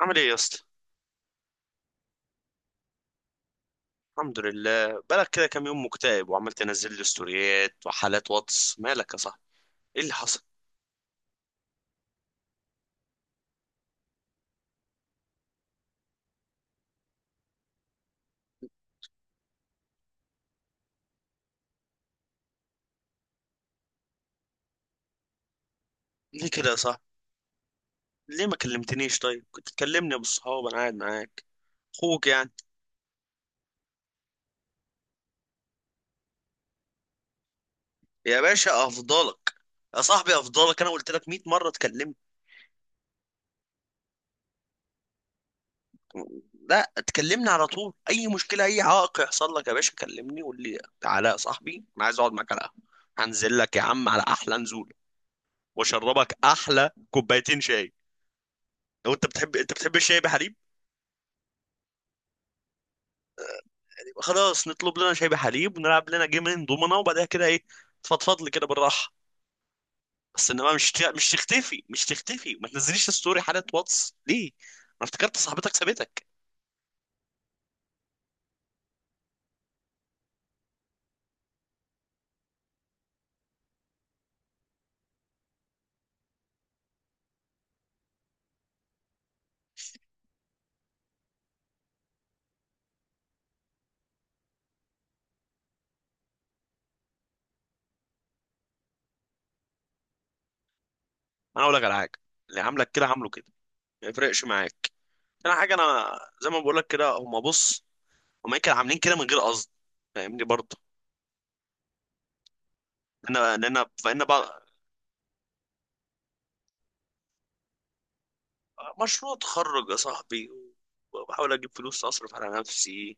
عامل ايه يا اسطى؟ الحمد لله. بقالك كده كام يوم مكتئب وعمال تنزل لي ستوريات وحالات واتس، مالك يا صاحبي؟ ايه اللي حصل؟ ليه كده يا صاحبي؟ ليه ما كلمتنيش؟ طيب كنت تكلمني، بالصحاب انا قاعد معاك، اخوك يعني. يا باشا افضلك، يا صاحبي افضلك، انا قلت لك 100 مره تكلمني. لا، تكلمني على طول، اي مشكله اي عائق يحصل لك يا باشا كلمني وقول لي تعالى يا صاحبي، انا عايز اقعد معاك على القهوه. هنزل لك يا عم على احلى نزوله، واشربك احلى كوبايتين شاي. لو انت بتحب، انت بتحب الشاي بحليب؟ خلاص نطلب لنا شاي بحليب ونلعب لنا جيمين دومنا، وبعدها كده ايه، تفضفض لي كده بالراحه. بس انما مش مش تختفي، مش تختفي، ما تنزليش ستوري حاله واتس، ليه؟ انا افتكرت صاحبتك سابتك. انا اقول لك على حاجه، اللي عاملك كده عامله كده، ما يفرقش معاك. انا حاجه، انا زي ما بقول لك كده هم، بص، هم كانوا عاملين كده من غير قصد. فاهمني برضه؟ انا لان فان بقى، مشروع تخرج يا صاحبي، وبحاول اجيب فلوس اصرف على نفسي.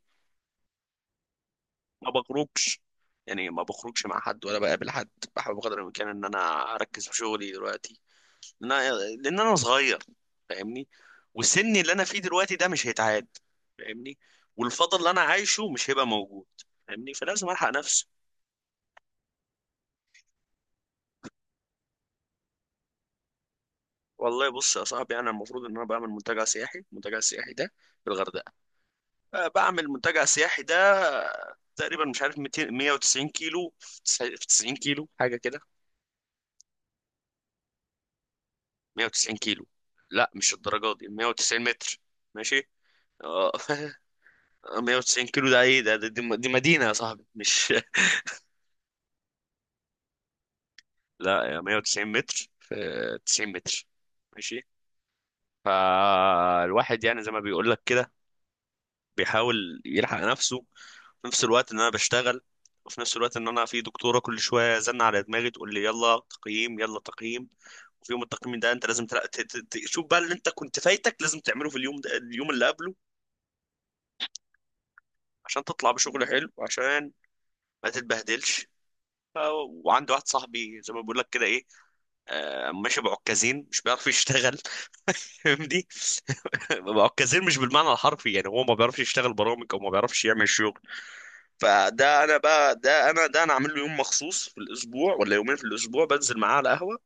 ما بخرجش، يعني ما بخرجش مع حد ولا بقابل حد. بحاول بقدر الامكان ان انا اركز في شغلي دلوقتي، لان انا لان انا صغير. فاهمني؟ وسني اللي انا فيه دلوقتي ده مش هيتعاد. فاهمني؟ والفضل اللي انا عايشه مش هيبقى موجود. فاهمني؟ فلازم الحق نفسي. والله بص يا صاحبي، انا المفروض ان انا بعمل منتجع سياحي. المنتجع السياحي ده في الغردقه. بعمل منتجع سياحي ده تقريبا مش عارف 200، 190 كيلو في 90 كيلو حاجه كده. 190 كيلو؟ لا مش الدرجه دي، 190 متر. ماشي. اه. 190 كيلو ده ايه ده؟ دي, دي مدينه يا صاحبي مش. لا يا 190 متر في 90 متر. ماشي. فالواحد يعني زي ما بيقول لك كده بيحاول يلحق نفسه، في نفس الوقت ان انا بشتغل، وفي نفس الوقت ان انا في دكتوره كل شويه زن على دماغي تقول لي يلا تقييم يلا تقييم. وفي يوم التقييم ده انت لازم شوف بقى اللي انت كنت فايتك لازم تعمله في اليوم ده، اليوم اللي قبله، عشان تطلع بشغل حلو، عشان ما تتبهدلش. وعندي واحد صاحبي زي ما بقول لك كده ايه، ماشي بعكازين مش بيعرف يشتغل. فاهمني؟ بعكازين مش بالمعنى الحرفي، يعني هو ما بيعرفش يشتغل برامج او ما بيعرفش يعمل شغل. فده انا بقى، ده انا عامل له يوم مخصوص في الاسبوع، ولا يومين في الاسبوع بنزل معاه على قهوه،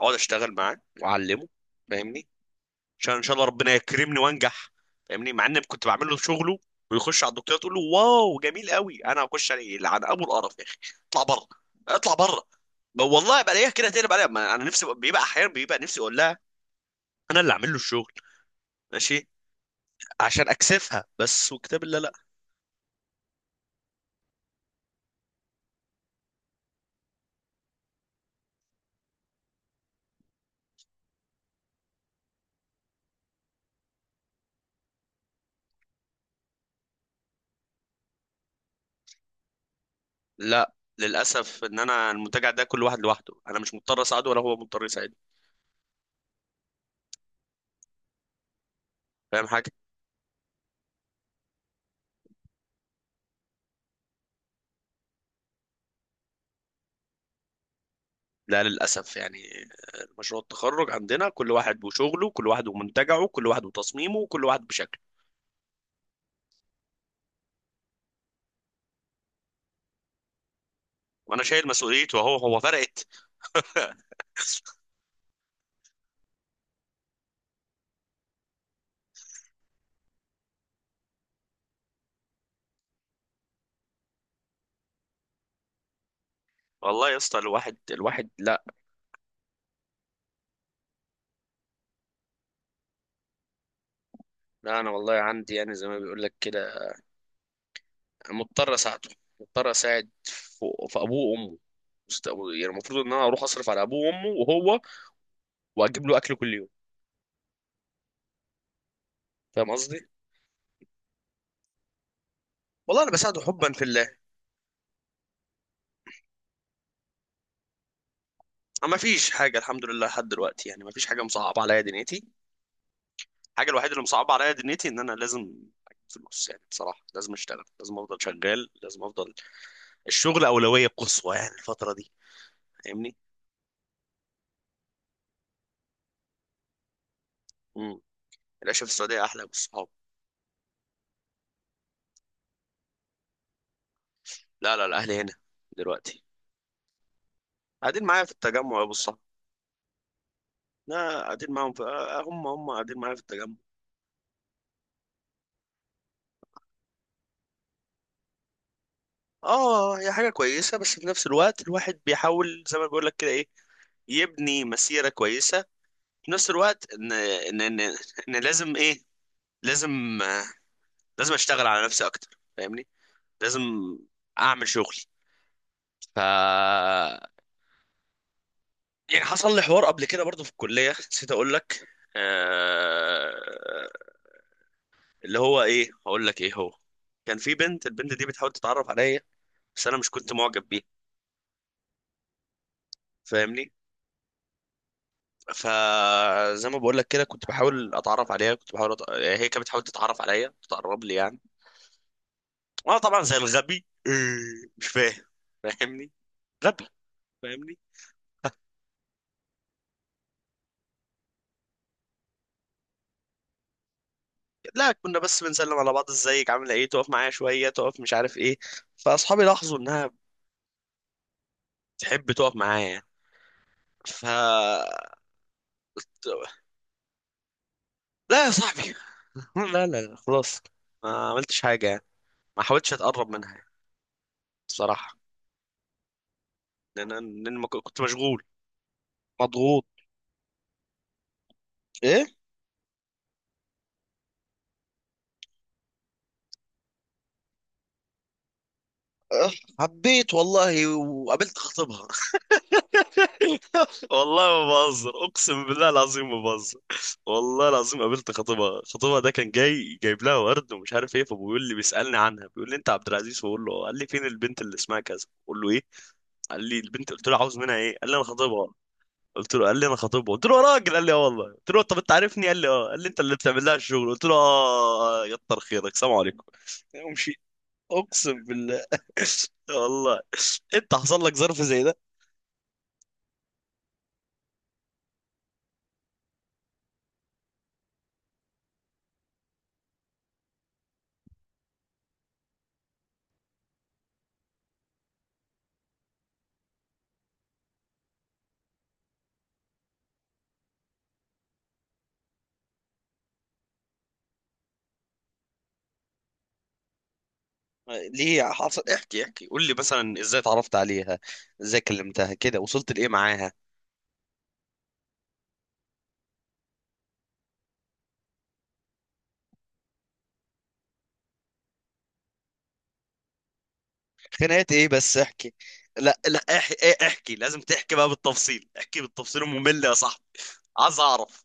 اقعد اشتغل معاه واعلمه. فاهمني؟ عشان ان شاء الله ربنا يكرمني وانجح. فاهمني؟ مع ان كنت بعمل له شغله ويخش على الدكتوره تقول له واو جميل قوي، انا هخش عليه لعن ابو القرف يا اخي، اطلع بره، اطلع بره. والله بلاقيها كده تاني، بلاقيها، ما انا نفسي، بيبقى احيانا بيبقى نفسي اقول لها انا اللي اعمل له الشغل، ماشي، عشان اكسفها بس. وكتاب الله لا. لا للاسف، ان انا المنتجع ده كل واحد لوحده، انا مش مضطر اساعده ولا هو مضطر يساعدني. فاهم حاجه؟ لا للاسف يعني، مشروع التخرج عندنا كل واحد وشغله، كل واحد ومنتجعه، كل واحد وتصميمه، كل واحد بشكله. وانا شايل مسؤوليته اهو، هو فرقت؟ والله يا اسطى الواحد لا. لا انا والله عندي يعني زي ما بيقول لك كده، مضطر اساعده، مضطر اساعد في ابوه وامه، يعني المفروض ان انا اروح اصرف على ابوه وامه وهو، واجيب له اكل كل يوم. فاهم قصدي؟ والله انا بساعده حبا في الله. ما فيش حاجه الحمد لله لحد دلوقتي، يعني ما فيش حاجه مصعبه عليا دنيتي. الحاجه الوحيده اللي مصعبه عليا دنيتي ان انا لازم أجيب فلوس. يعني بصراحه لازم اشتغل، لازم افضل شغال، لازم افضل. الشغل اولويه قصوى يعني الفتره دي. فاهمني؟ العيشة في السعودية أحلى بالصحاب. لا لا، الأهل هنا دلوقتي. قاعدين معايا في التجمع يا بالصحاب، لا قاعدين معاهم في هم، هم قاعدين معايا في التجمع. اه، هي حاجة كويسة، بس في نفس الوقت الواحد بيحاول زي ما بيقول لك كده ايه، يبني مسيرة كويسة، في نفس الوقت إن لازم ايه، لازم آه، لازم اشتغل على نفسي اكتر. فاهمني؟ لازم اعمل شغل. ف يعني حصل لي حوار قبل كده برضو في الكلية نسيت اقول لك. آه... اللي هو ايه، هقول لك ايه هو، كان في بنت، البنت دي بتحاول تتعرف عليا، بس انا مش كنت معجب بيها. فاهمني؟ فزي ما بقول لك كده كنت بحاول اتعرف عليها، كنت بحاول يعني هي كانت بتحاول تتعرف عليا، تقرب لي يعني. وانا طبعا زي الغبي مش فاهم. فاهمني؟ غبي. فاهمني؟ لا كنا بس بنسلم على بعض، ازيك عامله ايه، تقف معايا شويه، تقف مش عارف ايه. فاصحابي لاحظوا انها بتحب تقف معايا يعني. ف لا يا صاحبي. لا لا لا، خلاص، ما عملتش حاجه يعني. ما حاولتش اتقرب منها يعني، بصراحه، لان لان ما كنت مشغول، مضغوط. ايه؟ أه، حبيت والله وقابلت خطيبها. والله ما بهزر، اقسم بالله العظيم ما بهزر. والله العظيم قابلت خطيبها. خطيبها ده كان جاي جايب لها ورد ومش عارف ايه، فبيقول لي بيسالني عنها، بيقول لي انت عبد العزيز، فبقول له، قال لي فين البنت اللي اسمها كذا، بقول له ايه، قال لي البنت، قلت له عاوز منها ايه، قال لي انا خطيبها، قلت له قال لي انا خطيبها، قلت له يا راجل، قال لي اه والله، قلت له طب انت عارفني، قال لي اه، قال لي انت اللي بتعمل لها الشغل، قلت له اه يكتر خيرك سلام عليكم، ومشي، اقسم بالله. والله. انت حصل لك ظرف زي ده؟ ليه حصل، احكي احكي، قول لي مثلا ازاي اتعرفت عليها، ازاي كلمتها، كده وصلت لايه معاها. خناقات ايه بس احكي. لا لا احكي, احكي. لازم تحكي بقى بالتفصيل، احكي بالتفصيل الممل يا صاحبي، عايز اعرف.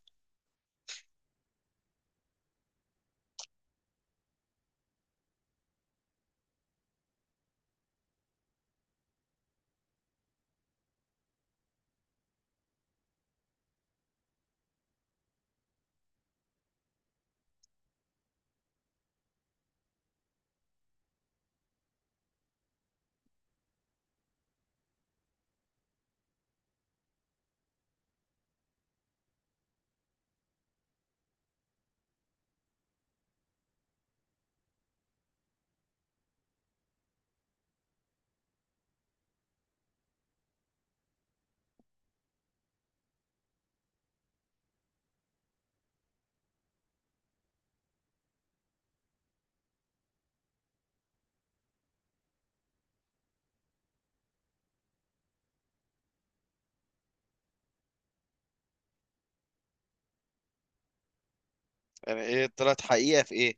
يعني ايه طلعت حقيقة في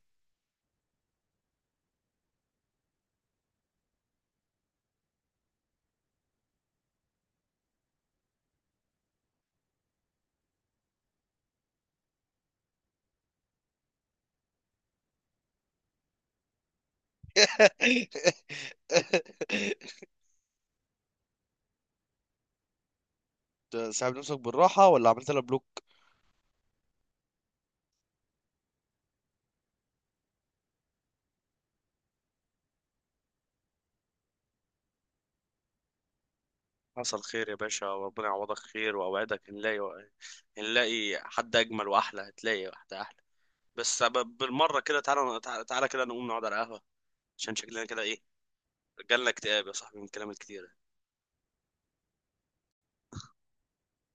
ايه؟ ساعد نفسك بالراحة ولا عملت لها بلوك؟ حصل خير يا باشا، وربنا يعوضك خير، واوعدك هنلاقي، هنلاقي حد اجمل واحلى، هتلاقي واحده احلى. بس بالمره كده، تعالى كده نقوم نقعد على قهوه، عشان شكلنا كده ايه، جالنا اكتئاب يا صاحبي من الكلام الكتير.